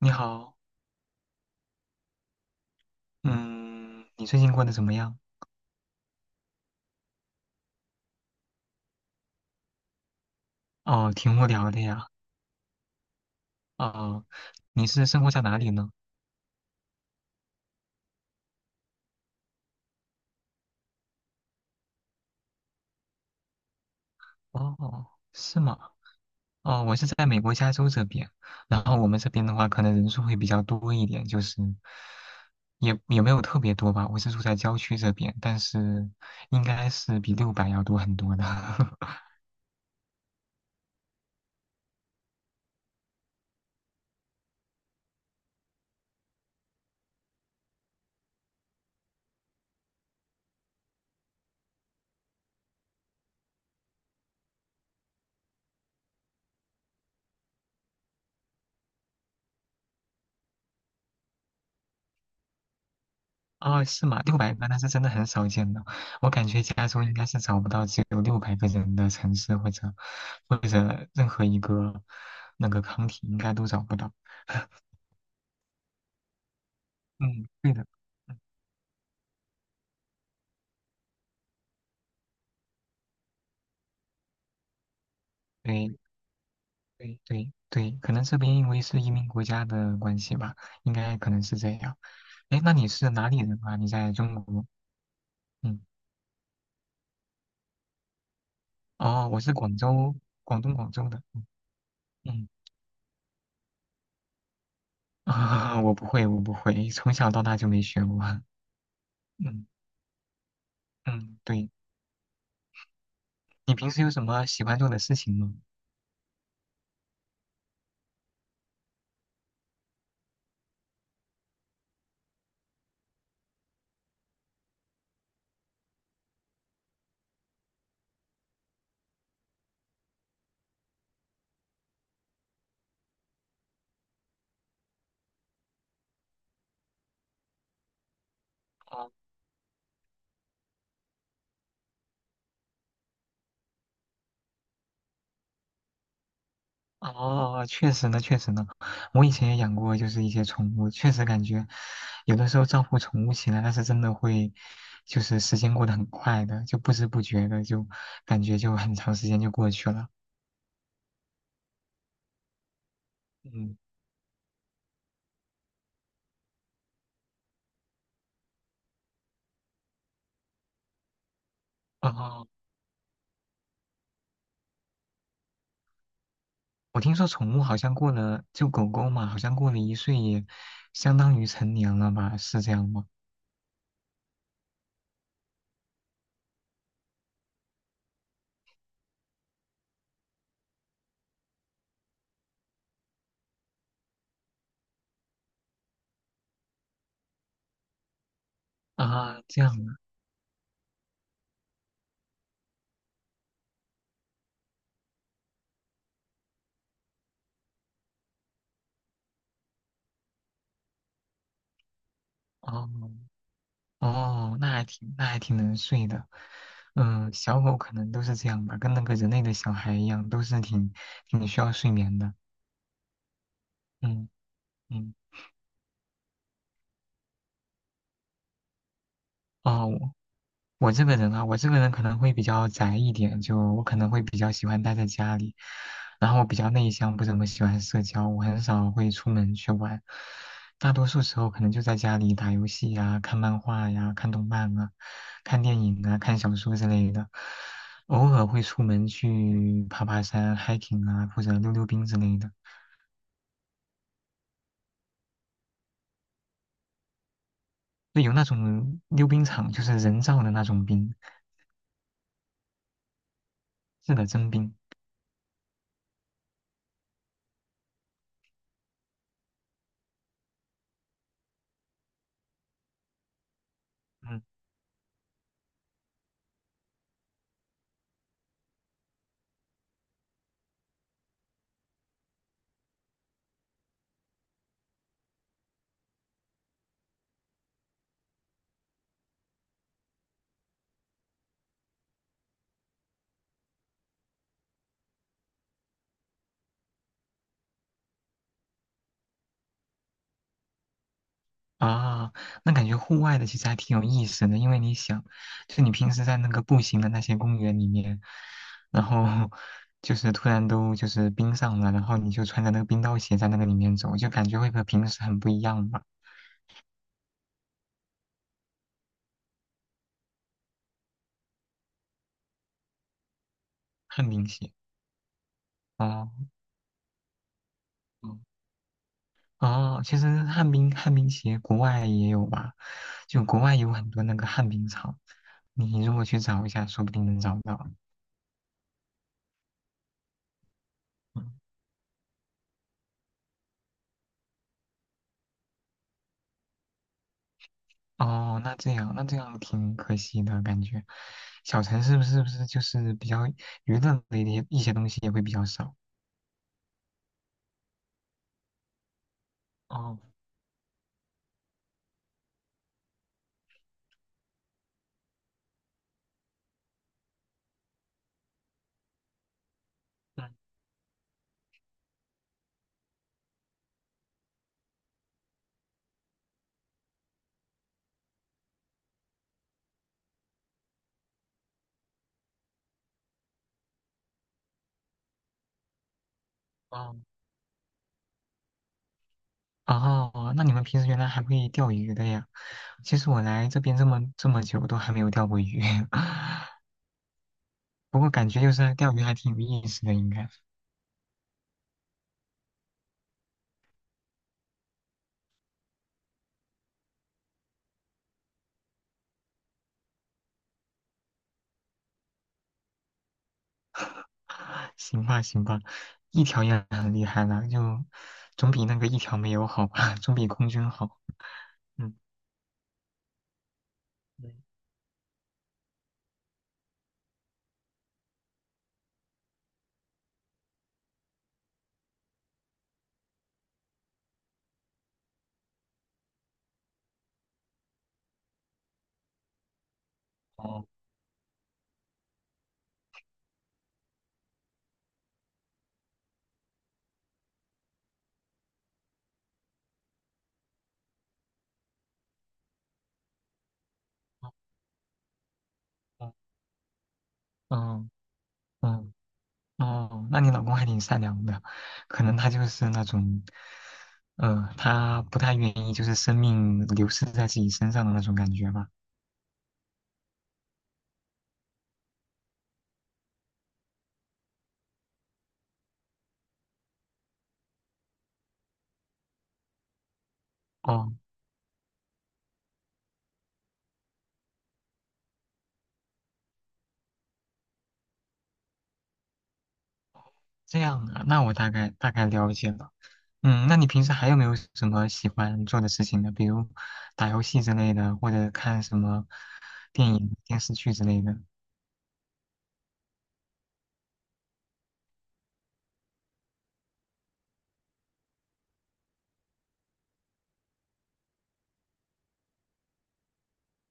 你好。嗯，你最近过得怎么样？哦，挺无聊的呀。哦，你是生活在哪里呢？哦，是吗？哦，我是在美国加州这边，然后我们这边的话，可能人数会比较多一点，就是也没有特别多吧。我是住在郊区这边，但是应该是比六百要多很多的。啊，是吗？600个那是真的很少见的，我感觉加州应该是找不到只有六百个人的城市，或者任何一个那个 c 体应该都找不到。嗯，对的。嗯，对对对对，可能这边因为是移民国家的关系吧，应该可能是这样。哎，那你是哪里人啊？你在中国？嗯。哦，我是广州，广东广州的。嗯。嗯。啊，我不会，我不会，从小到大就没学过。嗯。嗯，对。你平时有什么喜欢做的事情吗？哦。哦，确实呢，确实呢，我以前也养过，就是一些宠物，确实感觉有的时候照顾宠物起来，那是真的会，就是时间过得很快的，就不知不觉的就感觉就很长时间就过去了。嗯。哦，我听说宠物好像过了，就狗狗嘛，好像过了1岁也相当于成年了吧？是这样吗？啊，这样啊，哦。哦，那还挺能睡的。嗯，小狗可能都是这样吧，跟那个人类的小孩一样，都是挺需要睡眠的。嗯。嗯。哦，我这个人可能会比较宅一点，就我可能会比较喜欢待在家里，然后我比较内向，不怎么喜欢社交，我很少会出门去玩，大多数时候可能就在家里打游戏呀、看漫画呀、看动漫啊、看电影啊、看小说之类的，偶尔会出门去爬爬山、hiking 啊，或者溜溜冰之类的。就有那种溜冰场，就是人造的那种冰。是的，真冰。嗯。啊，那感觉户外的其实还挺有意思的，因为你想，就你平时在那个步行的那些公园里面，然后就是突然都就是冰上了，然后你就穿着那个冰刀鞋在那个里面走，就感觉会和平时很不一样吧。旱冰鞋。哦。嗯。哦，其实旱冰鞋国外也有吧，就国外有很多那个旱冰场，你如果去找一下，说不定能找到。嗯。哦，那这样，那这样挺可惜的感觉。小陈是不是就是比较娱乐类的一些东西也会比较少？哦。嗯。哦。哦，那你们平时原来还会钓鱼的呀？其实我来这边这么久都还没有钓过鱼。不过感觉就是钓鱼还挺有意思的，应该。行吧，行吧，一条也很厉害了，就总比那个一条没有好吧，总比空军好。嗯。嗯。哦。哦。哦。嗯。哦，那你老公还挺善良的，可能他就是那种，他不太愿意就是生命流逝在自己身上的那种感觉吧。哦，这样啊，那我大概大概了解了。嗯，那你平时还有没有什么喜欢做的事情呢？比如打游戏之类的，或者看什么电影、电视剧之类的。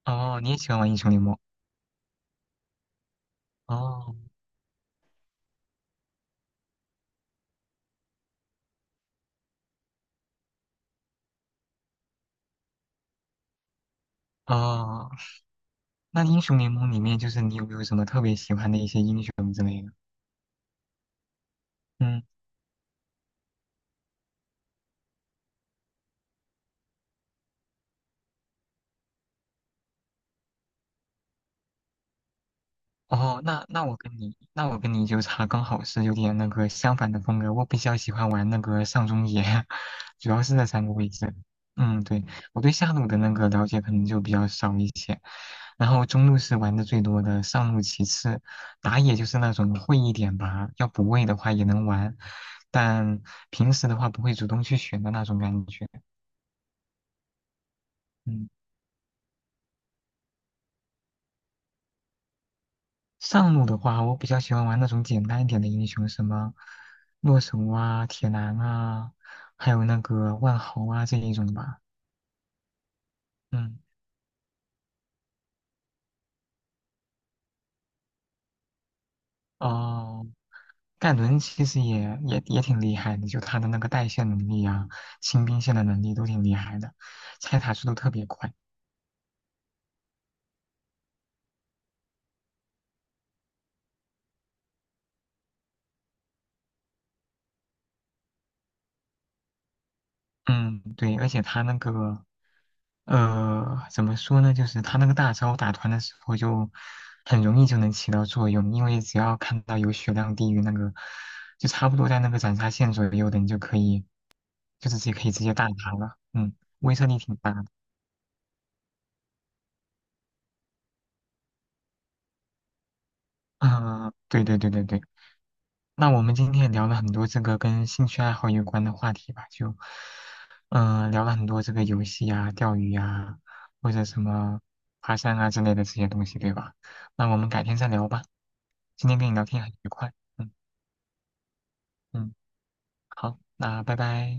哦，你也喜欢玩英雄联盟？哦。哦，那英雄联盟里面就是你有没有什么特别喜欢的一些英雄之类的？嗯。哦，那我跟你就差刚好是有点那个相反的风格。我比较喜欢玩那个上中野，主要是那3个位置。嗯，对，我对下路的那个了解可能就比较少一些，然后中路是玩的最多的，上路其次，打野就是那种会一点吧，要补位的话也能玩，但平时的话不会主动去选的那种感觉。嗯。上路的话，我比较喜欢玩那种简单一点的英雄，什么洛神啊、铁男啊，还有那个万豪啊这一种吧。嗯。哦，盖伦其实也挺厉害的，就他的那个带线能力啊、清兵线的能力都挺厉害的，拆塔速度特别快。嗯，对，而且他那个怎么说呢？就是他那个大招打团的时候，就很容易就能起到作用，因为只要看到有血量低于那个，就差不多在那个斩杀线左右的，你就可以，就直接可以直接大拿了。嗯，威慑力挺大的。啊、对对对对对。那我们今天也聊了很多这个跟兴趣爱好有关的话题吧，就，嗯、聊了很多这个游戏啊、钓鱼啊，或者什么爬山啊之类的这些东西，对吧？那我们改天再聊吧。今天跟你聊天很愉快。嗯。嗯，好，那拜拜。